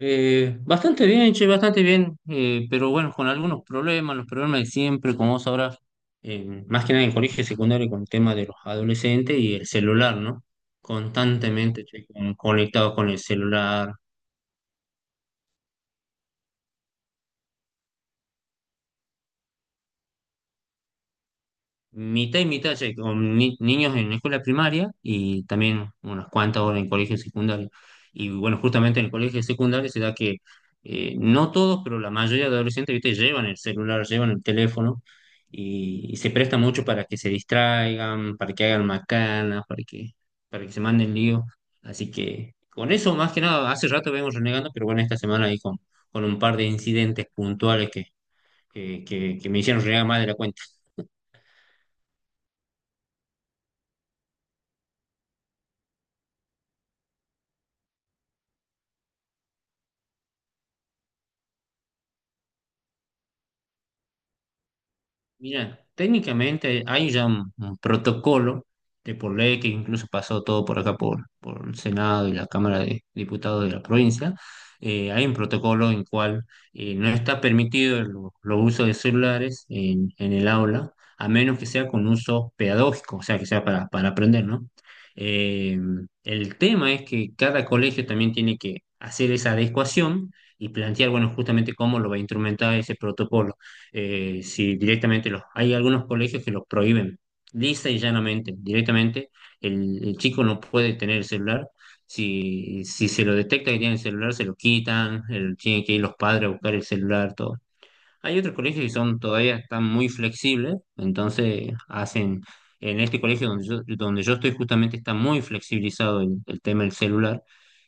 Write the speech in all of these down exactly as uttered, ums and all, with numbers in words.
Eh, bastante bien, che, bastante bien, eh, pero bueno, con algunos problemas, los problemas de siempre, como vos sabrás, eh, más que nada en colegio secundario con el tema de los adolescentes y el celular, ¿no? Constantemente, che, con- conectados con el celular, mitad y mitad, ya con ni- niños en escuela primaria y también unas cuantas horas en colegio secundario. Y bueno, justamente en el colegio secundario se da que eh, no todos, pero la mayoría de adolescentes, ¿viste? Llevan el celular, llevan el teléfono y, y se presta mucho para que se distraigan, para que hagan macanas, para que, para que se manden lío. Así que con eso, más que nada, hace rato vengo renegando, pero bueno, esta semana ahí con, con un par de incidentes puntuales que, que, que que me hicieron renegar más de la cuenta. Mira, técnicamente hay ya un, un protocolo de por ley que incluso pasó todo por acá, por, por el Senado y la Cámara de Diputados de la provincia. Eh, hay un protocolo en cual eh, no está permitido el, los usos de celulares en, en el aula, a menos que sea con uso pedagógico, o sea, que sea para, para aprender, ¿no? Eh, el tema es que cada colegio también tiene que hacer esa adecuación y plantear, bueno, justamente cómo lo va a instrumentar ese protocolo. Eh, si directamente los, hay algunos colegios que los prohíben, lisa y llanamente, directamente el, el chico no puede tener el celular, si, si se lo detecta que tiene el celular, se lo quitan, el- tienen que ir los padres a buscar el celular, todo. Hay otros colegios que son todavía están muy flexibles, entonces hacen, en este colegio donde yo, donde yo estoy justamente está muy flexibilizado el el tema del celular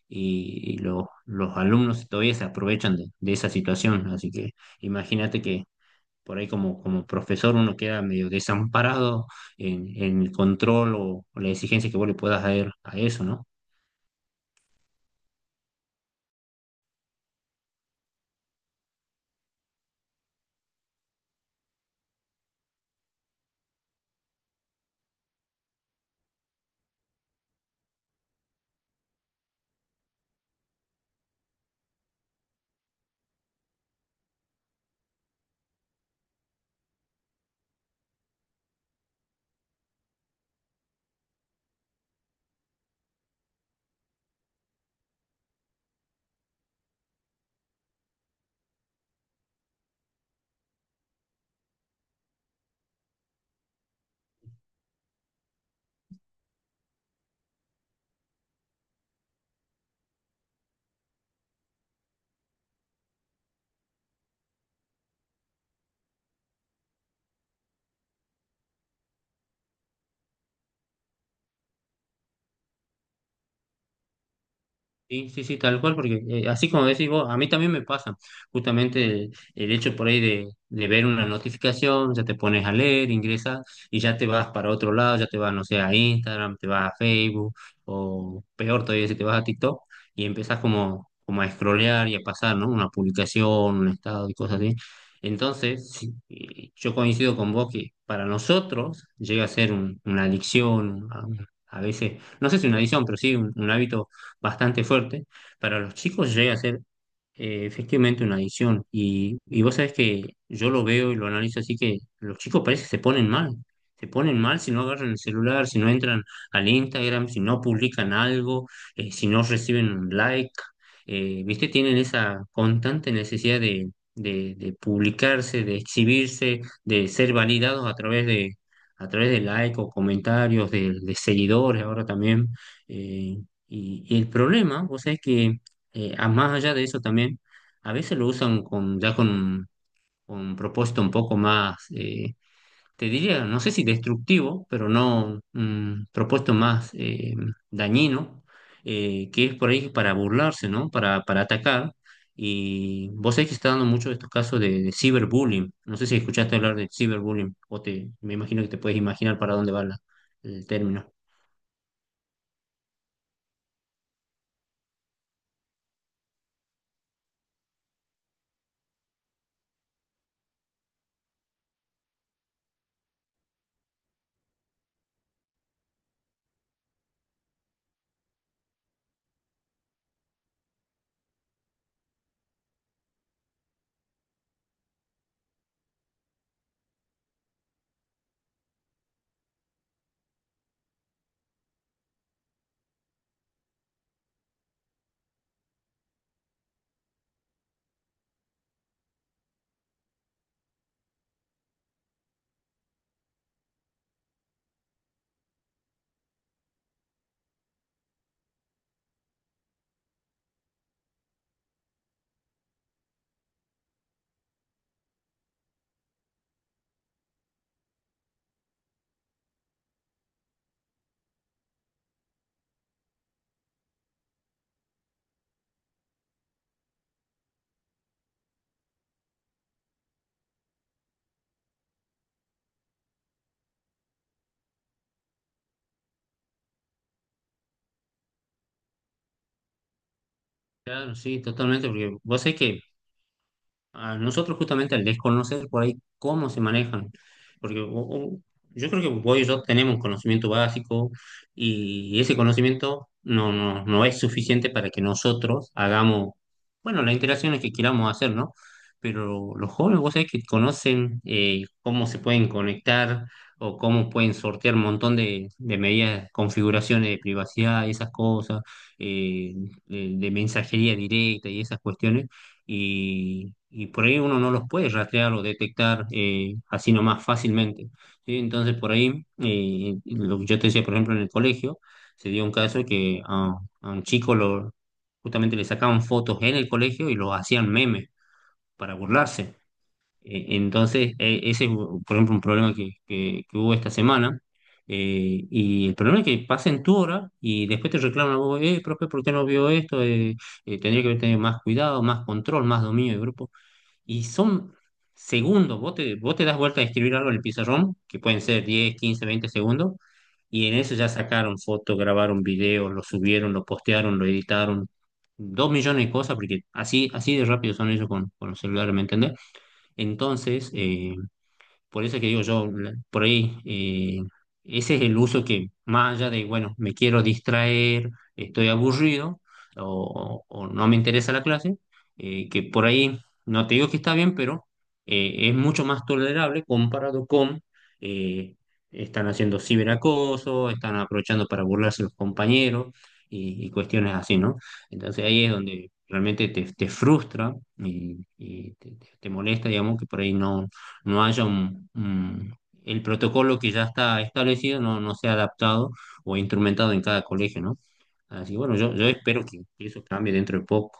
y, y los, los alumnos todavía se aprovechan de, de esa situación. Así que imagínate que por ahí como, como profesor uno queda medio desamparado en, en el control o, o la exigencia que vos le puedas dar a eso, ¿no? Sí, sí, sí, tal cual, porque eh, así como decís vos, a mí también me pasa justamente el, el hecho por ahí de, de ver una notificación, ya te pones a leer, ingresas y ya te vas para otro lado, ya te vas, no sé, a Instagram, te vas a Facebook o peor todavía si te vas a TikTok y empiezas como, como a scrollear y a pasar, ¿no? Una publicación, un estado y cosas así. Entonces, sí, eh, yo coincido con vos que para nosotros llega a ser un- una adicción, a a veces, no sé si una adicción, pero sí un un hábito bastante fuerte, para los chicos llega a ser eh, efectivamente una adicción. Y, y vos sabés que yo lo veo y lo analizo así que los chicos parece que se ponen mal. Se ponen mal si no agarran el celular, si no entran al Instagram, si no publican algo, eh, si no reciben un like. Eh, ¿viste? Tienen esa constante necesidad de, de, de publicarse, de exhibirse, de ser validados a través de, a través de like o comentarios, de, de seguidores ahora también. Eh, y, y el problema, vos sabés que eh, a- más allá de eso también, a veces lo usan con, ya con, con un propósito un poco más, eh, te diría, no sé si destructivo, pero no un propósito más eh, dañino, eh, que es por ahí para burlarse, ¿no? Para, para atacar. Y vos sabés que se está dando mucho de estos casos de, de ciberbullying. No sé si escuchaste hablar de ciberbullying o te, me imagino que te puedes imaginar para dónde va la- el término. Claro, sí, totalmente, porque vos sabés que a nosotros justamente al desconocer por ahí cómo se manejan, porque o- o- yo creo que vos y yo tenemos conocimiento básico y ese conocimiento no, no, no es suficiente para que nosotros hagamos, bueno, las interacciones que queramos hacer, ¿no? Pero los jóvenes, vos sabés que conocen eh, cómo se pueden conectar o cómo pueden sortear un montón de, de medidas, configuraciones de privacidad, esas cosas, eh, de de mensajería directa y esas cuestiones y, y por ahí uno no los puede rastrear o detectar eh, así nomás fácilmente. ¿Sí? Entonces, por ahí, eh, lo que yo te decía, por ejemplo, en el colegio, se dio un caso que a, a un chico lo, justamente le sacaban fotos en el colegio y lo hacían memes para burlarse. Eh, Entonces, e- ese es, por ejemplo, un problema que, que- que hubo esta semana. Eh, y el problema es que pasen tu hora y después te reclaman a vos, eh, profe, ¿por qué no vio esto? Eh, eh, tendría que haber tenido más cuidado, más control, más dominio de grupo. Y son segundos, vos te, vos te das vuelta a escribir algo en el pizarrón, que pueden ser diez quince veinte segundos, y en eso ya sacaron fotos, grabaron videos, lo subieron, lo postearon, lo editaron, dos millones de cosas, porque así, así de rápido son ellos con, con los celulares, ¿me entendés? Entonces, eh, por eso que digo yo, la- por ahí, eh, ese es el uso que más allá de, bueno, me quiero distraer, estoy aburrido o, o no me interesa la clase, eh, que por ahí, no te digo que está bien, pero eh, es mucho más tolerable comparado con, eh, están haciendo ciberacoso, están aprovechando para burlarse los compañeros y, y cuestiones así, ¿no? Entonces ahí es donde realmente te, te frustra y, y te, te- te molesta, digamos, que por ahí no, no haya un, un- el protocolo que ya está establecido no, no sea adaptado o instrumentado en cada colegio, ¿no? Así que bueno, yo, yo espero que eso cambie dentro de poco.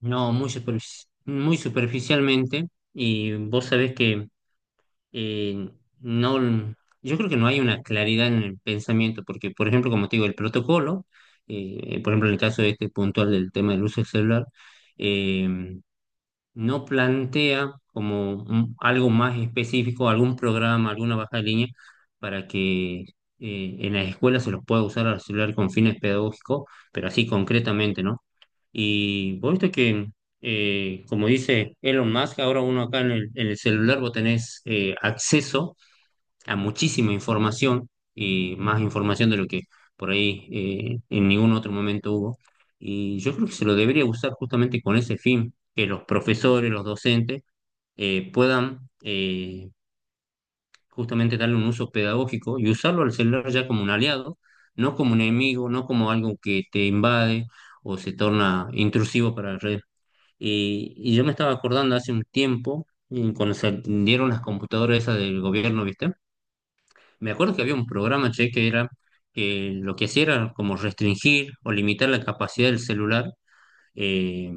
No, muy superfici- muy superficialmente, y vos sabés que eh, no, yo creo que no hay una claridad en el pensamiento, porque por ejemplo, como te digo, el protocolo, eh, por ejemplo, en el caso de este puntual del tema del uso del celular, eh, no plantea como un- algo más específico, algún programa, alguna baja de línea, para que eh, en las escuelas se los pueda usar al celular con fines pedagógicos, pero así concretamente, ¿no? Y vos viste que, eh, como dice Elon Musk, ahora uno acá en el, en el celular vos tenés eh, acceso a muchísima información y más información de lo que por ahí eh, en ningún otro momento hubo. Y yo creo que se lo debería usar justamente con ese fin, que los profesores, los docentes eh, puedan eh, justamente darle un uso pedagógico y usarlo al celular ya como un aliado, no como un enemigo, no como algo que te invade o se torna intrusivo para la red. Y, y yo me estaba acordando hace un tiempo, eh, cuando salieron las computadoras esas del gobierno, ¿viste? Me acuerdo que había un programa, che, que era que lo que hacía era como restringir o limitar la capacidad del celular eh,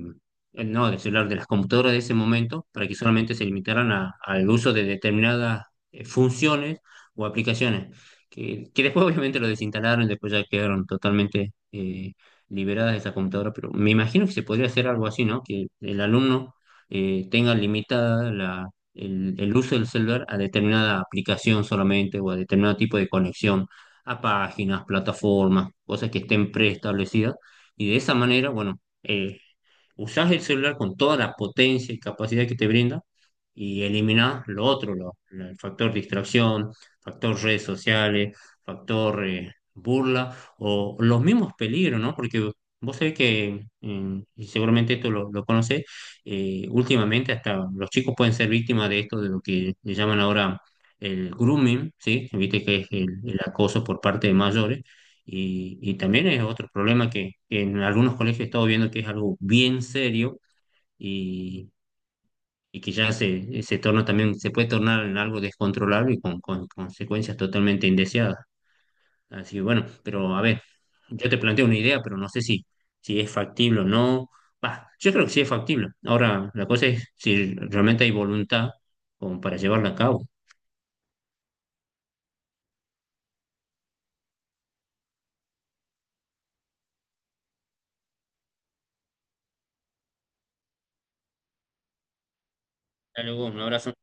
no del celular, de las computadoras de ese momento, para que solamente se limitaran a- al uso de determinadas eh, funciones o aplicaciones, que, que después obviamente lo desinstalaron y después ya quedaron totalmente eh, liberadas de esa computadora, pero me imagino que se podría hacer algo así, ¿no? Que el alumno eh, tenga limitada la... El, el uso del celular a determinada aplicación solamente o a determinado tipo de conexión a páginas, plataformas, cosas que estén preestablecidas y de esa manera, bueno, eh, usás el celular con toda la potencia y capacidad que te brinda y eliminás lo otro, lo- lo- el factor distracción, factor redes sociales, factor eh, burla o los mismos peligros, ¿no? Porque vos sabés que, eh, y seguramente esto lo, lo conocés, eh, últimamente hasta los chicos pueden ser víctimas de esto, de lo que le llaman ahora el grooming, ¿sí? Viste que es el el acoso por parte de mayores y, y también es otro problema que, que en algunos colegios he estado viendo que es algo bien serio y, y que ya se, se torna también, se puede tornar en algo descontrolable y con, con consecuencias totalmente indeseadas. Así que bueno, pero a ver, yo te planteo una idea, pero no sé si, si es factible o no. Bah, yo creo que sí es factible. Ahora, la cosa es si realmente hay voluntad como para llevarla a cabo. Hasta luego, un abrazo.